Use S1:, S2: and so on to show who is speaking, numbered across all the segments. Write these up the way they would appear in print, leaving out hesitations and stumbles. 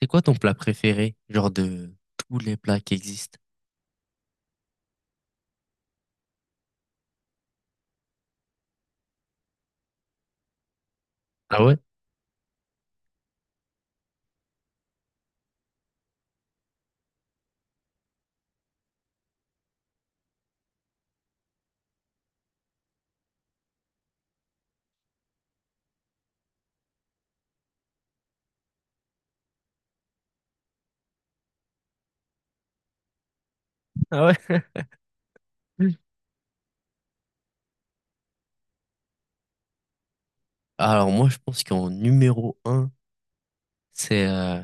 S1: C'est quoi ton plat préféré, genre de tous les plats qui existent? Ah ouais? Ah ouais? Mm. Alors moi, je pense qu'en numéro un, c'est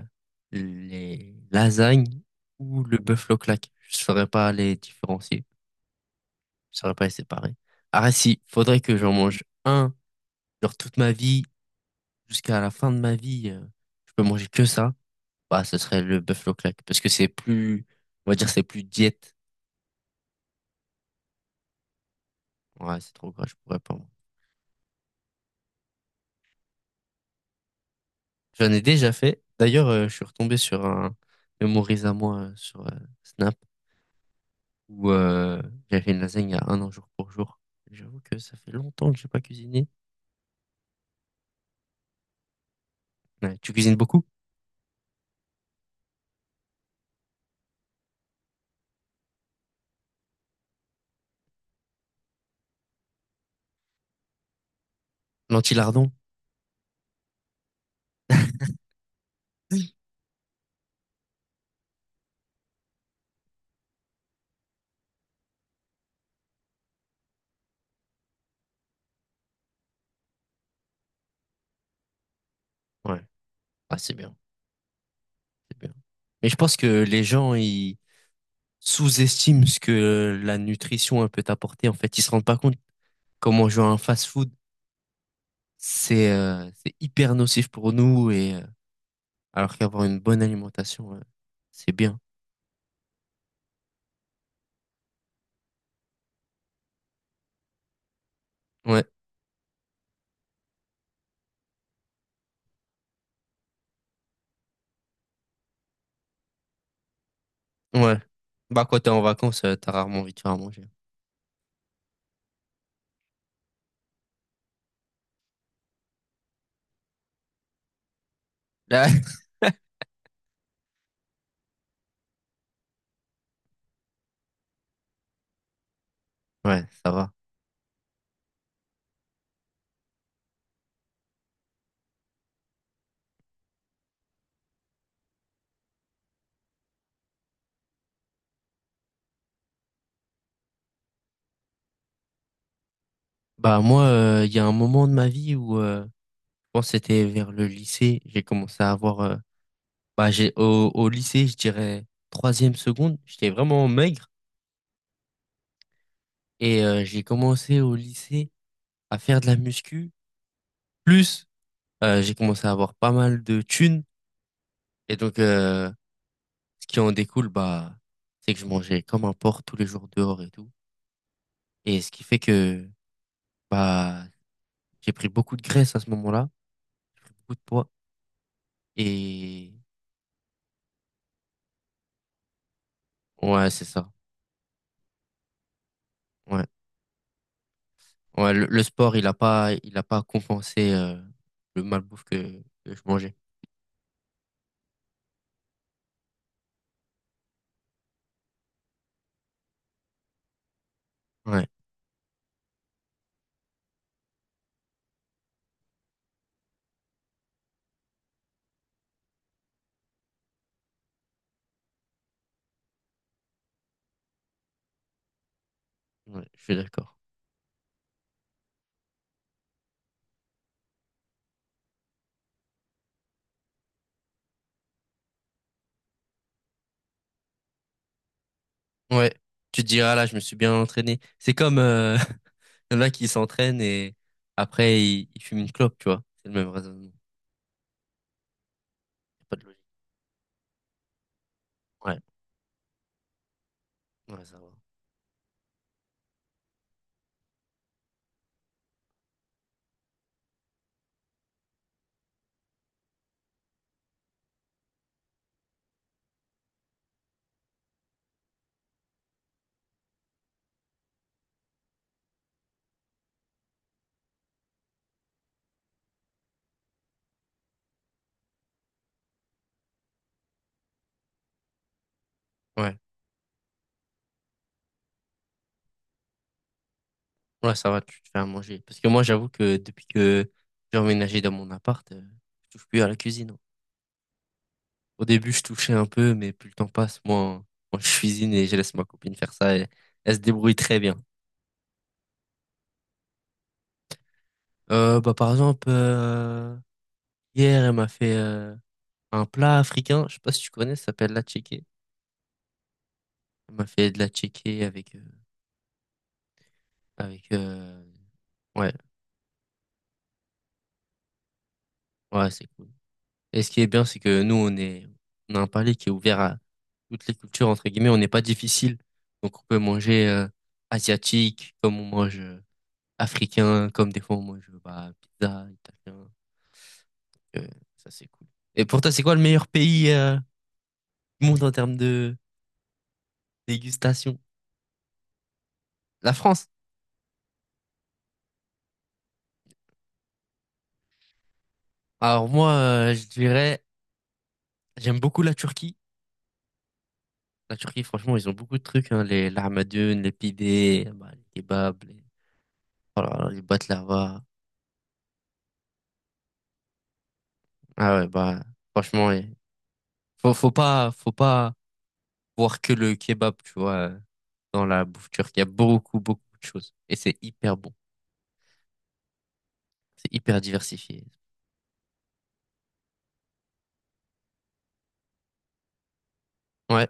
S1: les lasagnes ou le buffalo claque. Je saurais pas les différencier, je saurais pas les séparer. Ah si, faudrait que j'en mange un, genre toute ma vie, jusqu'à la fin de ma vie, je peux manger que ça. Bah, ce serait le buffalo claque, parce que c'est plus, on va dire, c'est plus diète. Ouais, c'est trop gras, je pourrais pas. J'en ai déjà fait. D'ailleurs, je suis retombé sur un mémorise à moi sur Snap où j'avais fait une lasagne il y a un an jour pour jour. J'avoue que ça fait longtemps que j'ai pas cuisiné. Ouais, tu cuisines beaucoup? L'anti-lardon? Ouais. Ah, c'est bien, c'est bien. Mais je pense que les gens, ils sous-estiment ce que la nutrition elle, peut apporter. En fait, ils se rendent pas compte comment manger un fast-food, c'est hyper nocif pour nous et alors qu'avoir une bonne alimentation, c'est bien. Ouais. Ouais. Bah, quand t'es en vacances, t'as rarement envie de faire à manger. Là, Ouais, ça va. Bah, moi, il y a un moment de ma vie où, je pense que c'était vers le lycée, j'ai commencé à avoir, bah, au, au lycée, je dirais, troisième seconde, j'étais vraiment maigre et j'ai commencé au lycée à faire de la muscu. Plus, j'ai commencé à avoir pas mal de thunes et donc, ce qui en découle, bah, c'est que je mangeais comme un porc tous les jours dehors et tout. Et ce qui fait que, bah, j'ai pris beaucoup de graisse à ce moment-là, beaucoup de poids. Et ouais, c'est ça. Ouais. Ouais, le sport, il a pas compensé le malbouffe que je mangeais. Ouais, ouais, je suis d'accord. Ouais. Tu te diras, là, je me suis bien entraîné. C'est comme il y en a qui s'entraînent et après ils, ils fument une clope, tu vois. C'est le même raisonnement. Y a pas de logique. Ouais, ouais, ça va. Ouais. Ouais, ça va, tu te fais à manger. Parce que moi, j'avoue que depuis que j'ai emménagé dans mon appart, je touche plus à la cuisine. Au début, je touchais un peu, mais plus le temps passe, moi, moi je cuisine et je laisse ma copine faire ça et elle se débrouille très bien. Bah, par exemple, hier, elle m'a fait un plat africain, je sais pas si tu connais, ça s'appelle la tchéké. Elle m'a fait de la tchéké avec, avec ouais, ouais, c'est cool. Et ce qui est bien, c'est que nous, on est, on a un palais qui est ouvert à toutes les cultures, entre guillemets, on n'est pas difficile, donc on peut manger asiatique, comme on mange africain, comme des fois on mange bah, pizza, italien. Euh, ça, c'est cool. Et pour toi, c'est quoi le meilleur pays du monde en termes de dégustation? La France. Alors moi, je dirais, j'aime beaucoup la Turquie. La Turquie, franchement, ils ont beaucoup de trucs, hein, les lahmacun, les pidés, bah, les kebabs, les, oh là là, les baklava. Ah ouais, bah franchement, eh, faut, faut pas voir que le kebab, tu vois, dans la bouffe turque. Il y a beaucoup, beaucoup de choses et c'est hyper bon, c'est hyper diversifié. Ouais,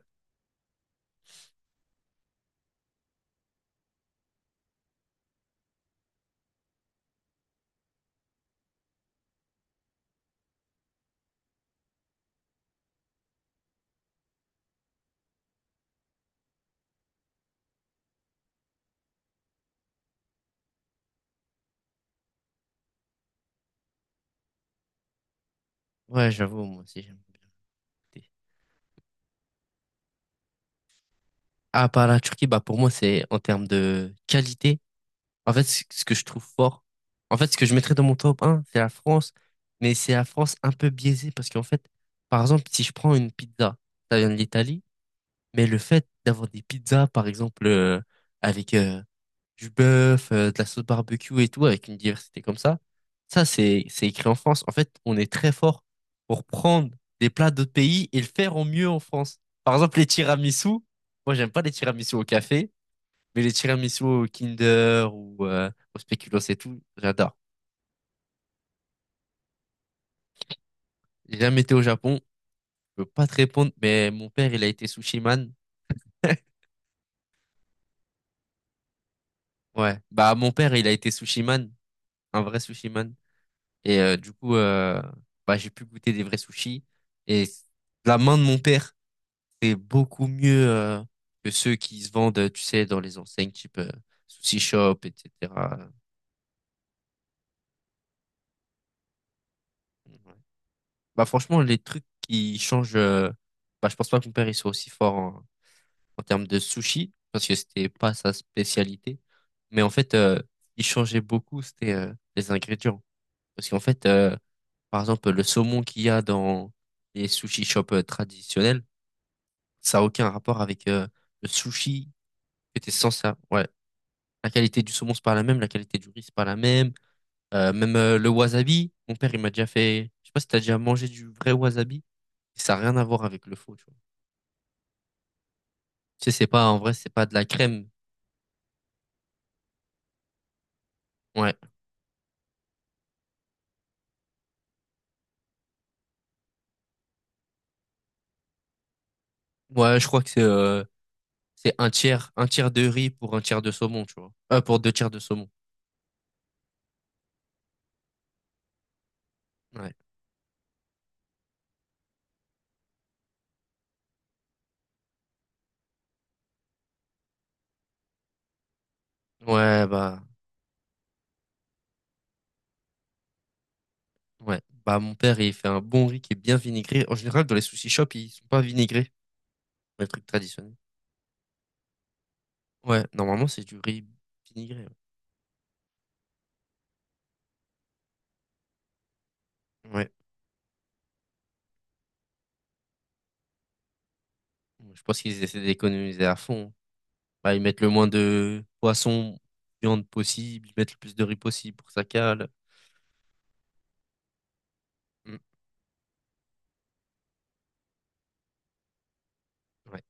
S1: ouais, j'avoue, moi aussi j'aime. Ah, bah, la Turquie, bah, pour moi, c'est en termes de qualité. En fait, ce que je trouve fort, en fait, ce que je mettrais dans mon top un, c'est la France, mais c'est la France un peu biaisée parce qu'en fait, par exemple, si je prends une pizza, ça vient de l'Italie, mais le fait d'avoir des pizzas, par exemple, avec du bœuf, de la sauce barbecue et tout, avec une diversité comme ça, c'est écrit en France. En fait, on est très fort pour prendre des plats d'autres pays et le faire au mieux en France. Par exemple, les tiramisu. Moi, j'aime pas les tiramisu au café. Mais les tiramisu au Kinder ou au Spéculoos et tout, j'adore. J'ai jamais été au Japon, je peux pas te répondre, mais mon père, il a été sushi man. Ouais, bah mon père, il a été sushi man, un vrai sushi man. Et du coup, bah j'ai pu goûter des vrais sushis. Et la main de mon père, c'est beaucoup mieux que ceux qui se vendent, tu sais, dans les enseignes type sushi shop, etc. Ouais. Bah franchement, les trucs qui changent, bah je pense pas que mon père il soit aussi fort en termes de sushi, parce que c'était pas sa spécialité. Mais en fait, il changeait beaucoup, c'était les ingrédients. Parce qu'en fait, par exemple, le saumon qu'il y a dans les sushi shops traditionnels, ça a aucun rapport avec le sushi qui était sans ça. Ouais. La qualité du saumon, c'est pas la même, la qualité du riz, c'est pas la même. Même le wasabi, mon père, il m'a déjà fait. Je sais pas si t'as déjà mangé du vrai wasabi. Ça a rien à voir avec le faux, tu vois. Tu sais, c'est pas, en vrai, c'est pas de la crème. Ouais. Ouais, je crois que c'est c'est un tiers de riz pour un tiers de saumon, tu vois. Pour deux tiers de saumon. Ouais. Ouais, bah, ouais. Bah, mon père, il fait un bon riz qui est bien vinaigré. En général, dans les sushi shops, ils sont pas vinaigrés, les trucs traditionnels. Ouais, normalement, c'est du riz vinaigré. Ouais. Ouais. Je pense qu'ils essaient d'économiser à fond. Bah, ils mettent le moins de poissons, viande possible, ils mettent le plus de riz possible pour que ça cale. Mm. Ouais.